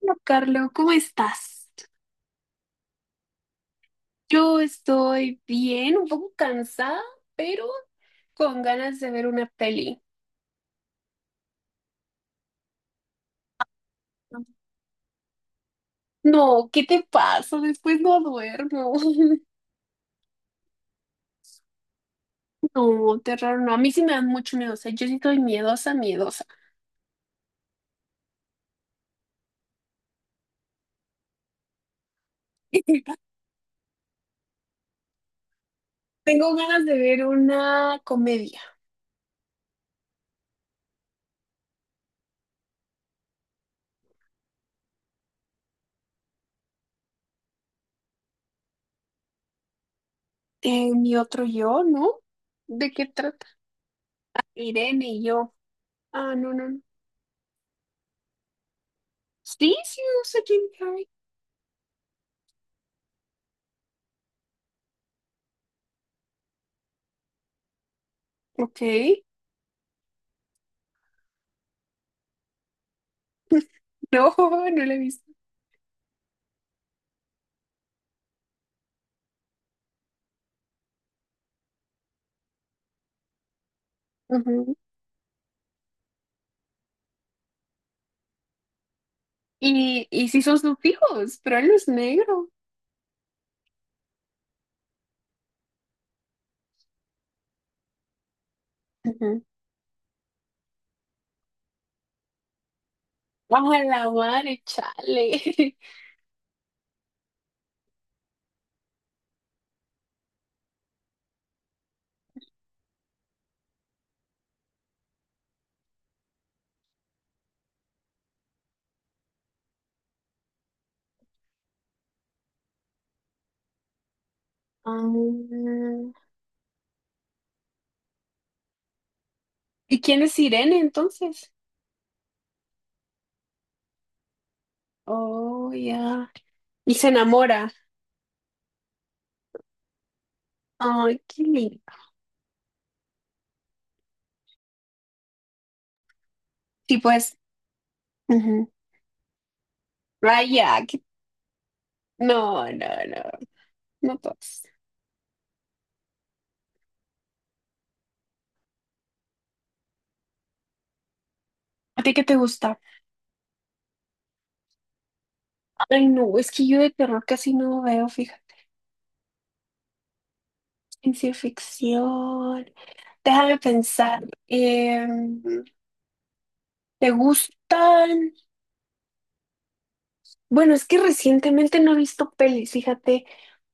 Hola, Carlos, ¿cómo estás? Yo estoy bien, un poco cansada, pero con ganas de ver una peli. No, ¿qué te pasa? Después no duermo. No, terror, no. A mí sí me dan mucho miedo. O sea, yo sí estoy miedosa, miedosa. Tengo ganas de ver una comedia. Mi otro yo, ¿no? ¿De qué trata? Irene y yo. Ah, no, no, no. Sí, sí, me gusta Jim Carrey. Ok. No, no la he visto. Y sí son sufijos, pero él no es negro. Ujú. A la madre, chale. Ah, ¿y quién es Irene entonces? Oh, ya. Y se enamora. Ay, qué lindo. Sí, pues, ujú. Raya. No, no, no, no todos. ¿A ti qué te gusta? Ay, no, es que yo de terror casi no veo, fíjate. Ciencia ficción. Déjame pensar. ¿Te gustan? Bueno, es que recientemente no he visto pelis, fíjate,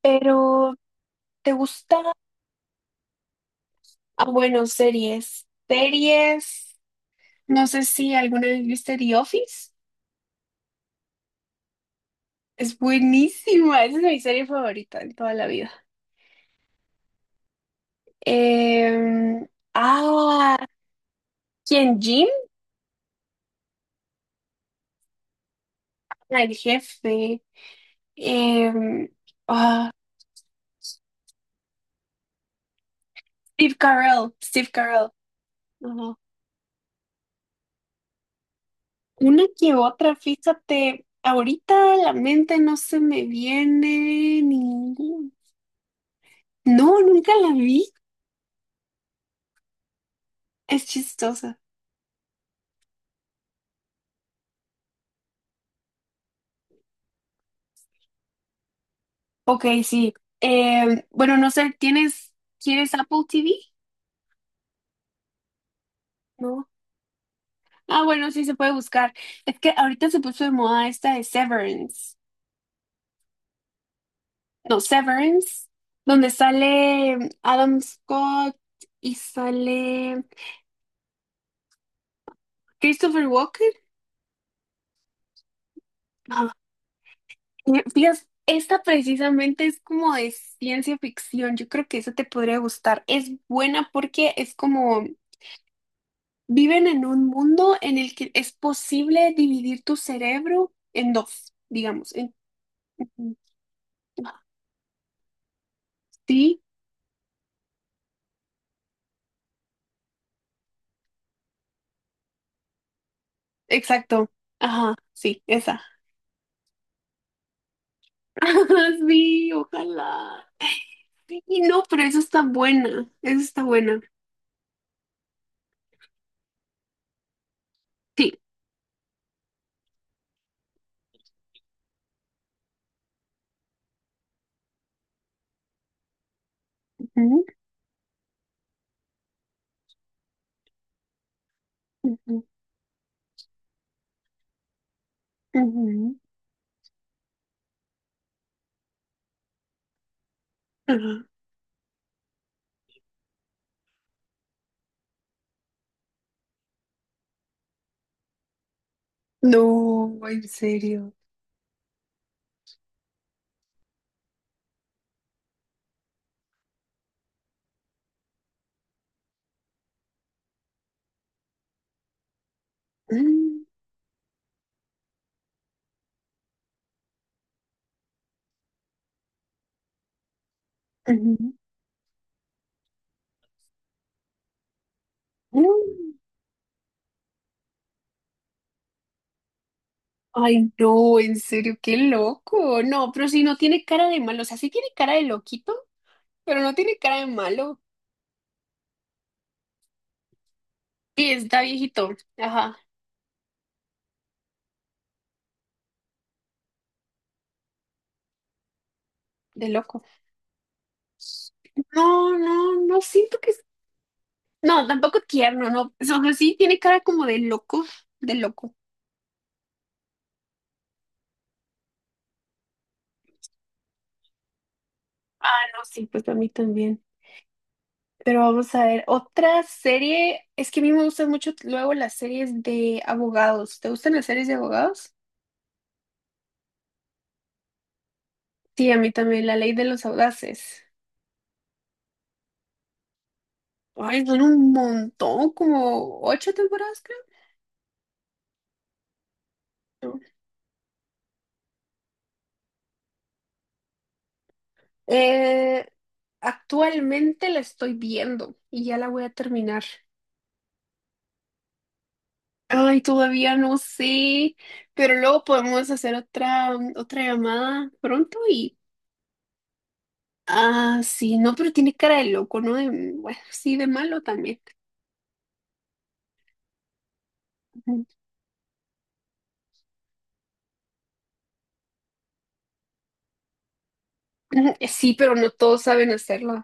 pero ¿te gusta? Ah, bueno, series. Series. No sé si alguna vez viste The Office. Es buenísima, esa es mi serie favorita en toda la vida. Em, ah, ¿Quién? Jim. Ah, el jefe. Em, ah, Steve Carell, Steve Carell. Ajá. Una que otra, fíjate, ahorita a la mente no se me viene ninguna. No, nunca la vi. Es chistosa. Ok, sí. Bueno, no sé, ¿quieres Apple TV? No. Ah, bueno, sí se puede buscar. Es que ahorita se puso de moda esta de Severance. No, Severance, donde sale Adam Scott y sale Christopher Walken. Ah, y fíjate, esta precisamente es como de ciencia ficción. Yo creo que esa te podría gustar. Es buena porque es como viven en un mundo en el que es posible dividir tu cerebro en dos, digamos. Sí, exacto. Ajá, sí, esa. Ajá, sí, ojalá. Sí, no, pero eso está buena. Eso está buena. Sí. Ujú, ujú, ujú, ajá. No, en serio. Mm, ujú, mm. Ay, no, en serio, qué loco. No, pero si no tiene cara de malo, o sea, sí tiene cara de loquito, pero no tiene cara de malo. Sí, está viejito. Ajá, de loco. No, no, no siento que... No, tampoco tierno, no. O sea, sí tiene cara como de loco, de loco. No, sí, pues a mí también. Pero vamos a ver, otra serie. Es que a mí me gustan mucho luego las series de abogados. ¿Te gustan las series de abogados? Sí, a mí también, La Ley de los Audaces. Ay, son un montón, como ocho temporadas, creo. Eh, Actualmente la estoy viendo y ya la voy a terminar. Ay, todavía no sé, pero luego podemos hacer otra llamada pronto y... Ah, sí, no, pero tiene cara de loco, ¿no? Bueno, sí, de malo también. Sí, pero no todos saben hacerlo.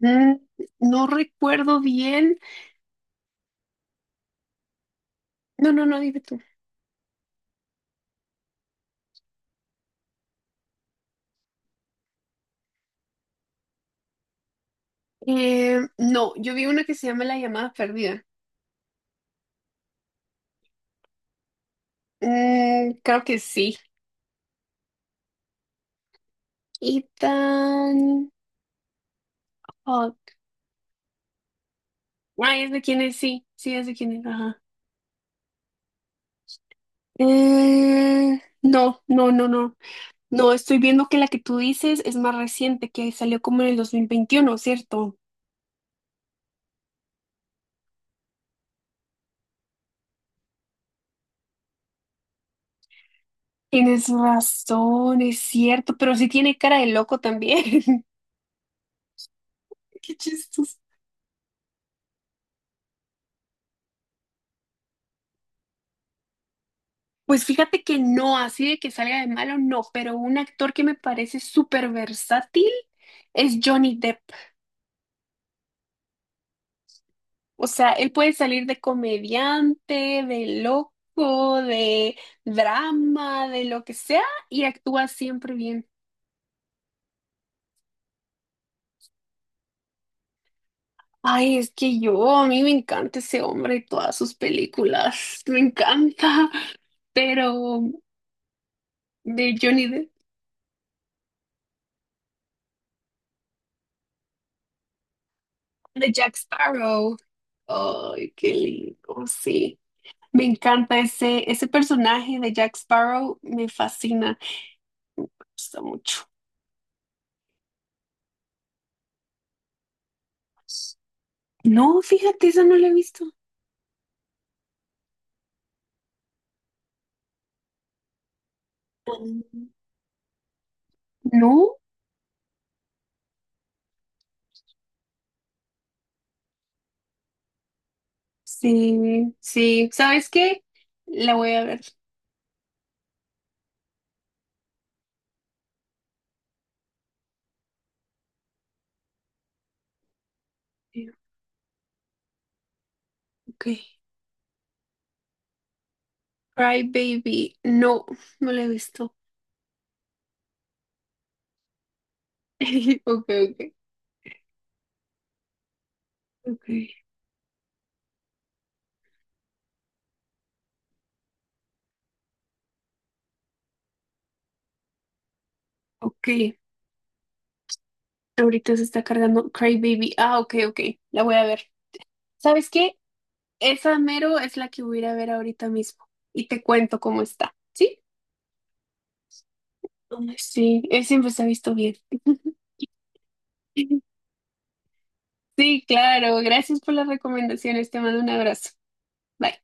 Mm, No recuerdo bien. No, no, no, dime tú. No, yo vi una que se llama La llamada perdida. Creo que sí. Ethan Hawke. Ay, es de quién es, sí, sí, es de quién es. Ajá. No, no, no, no. No, estoy viendo que la que tú dices es más reciente, que salió como en el 2021, ¿cierto? Tienes razón, es cierto, pero sí tiene cara de loco también. Qué chistoso. Pues fíjate que no, así de que salga de malo, no, pero un actor que me parece súper versátil es Johnny Depp. O sea, él puede salir de comediante, de loco, de drama, de lo que sea, y actúa siempre bien. Ay, es que yo, a mí me encanta ese hombre y todas sus películas, me encanta. Pero de Johnny Depp, de Jack Sparrow, ay, qué lindo, sí. Me encanta ese personaje de Jack Sparrow, me fascina, me gusta mucho. No, fíjate, esa no la he visto. Mm. No, sí, sí. ¿Sabes qué? La voy a ver. Ok. Cry Baby, no, no la he visto. Ok, ok, ok, ok. Ahorita se está cargando Cry Baby. Ah, ok, ok. La voy a ver. ¿Sabes qué? Esa mero es la que voy a ir a ver ahorita mismo. Y te cuento cómo está. ¿Sí? Ay, sí, él siempre se ha visto bien. Sí, claro. Gracias por las recomendaciones. Te mando un abrazo. Bye.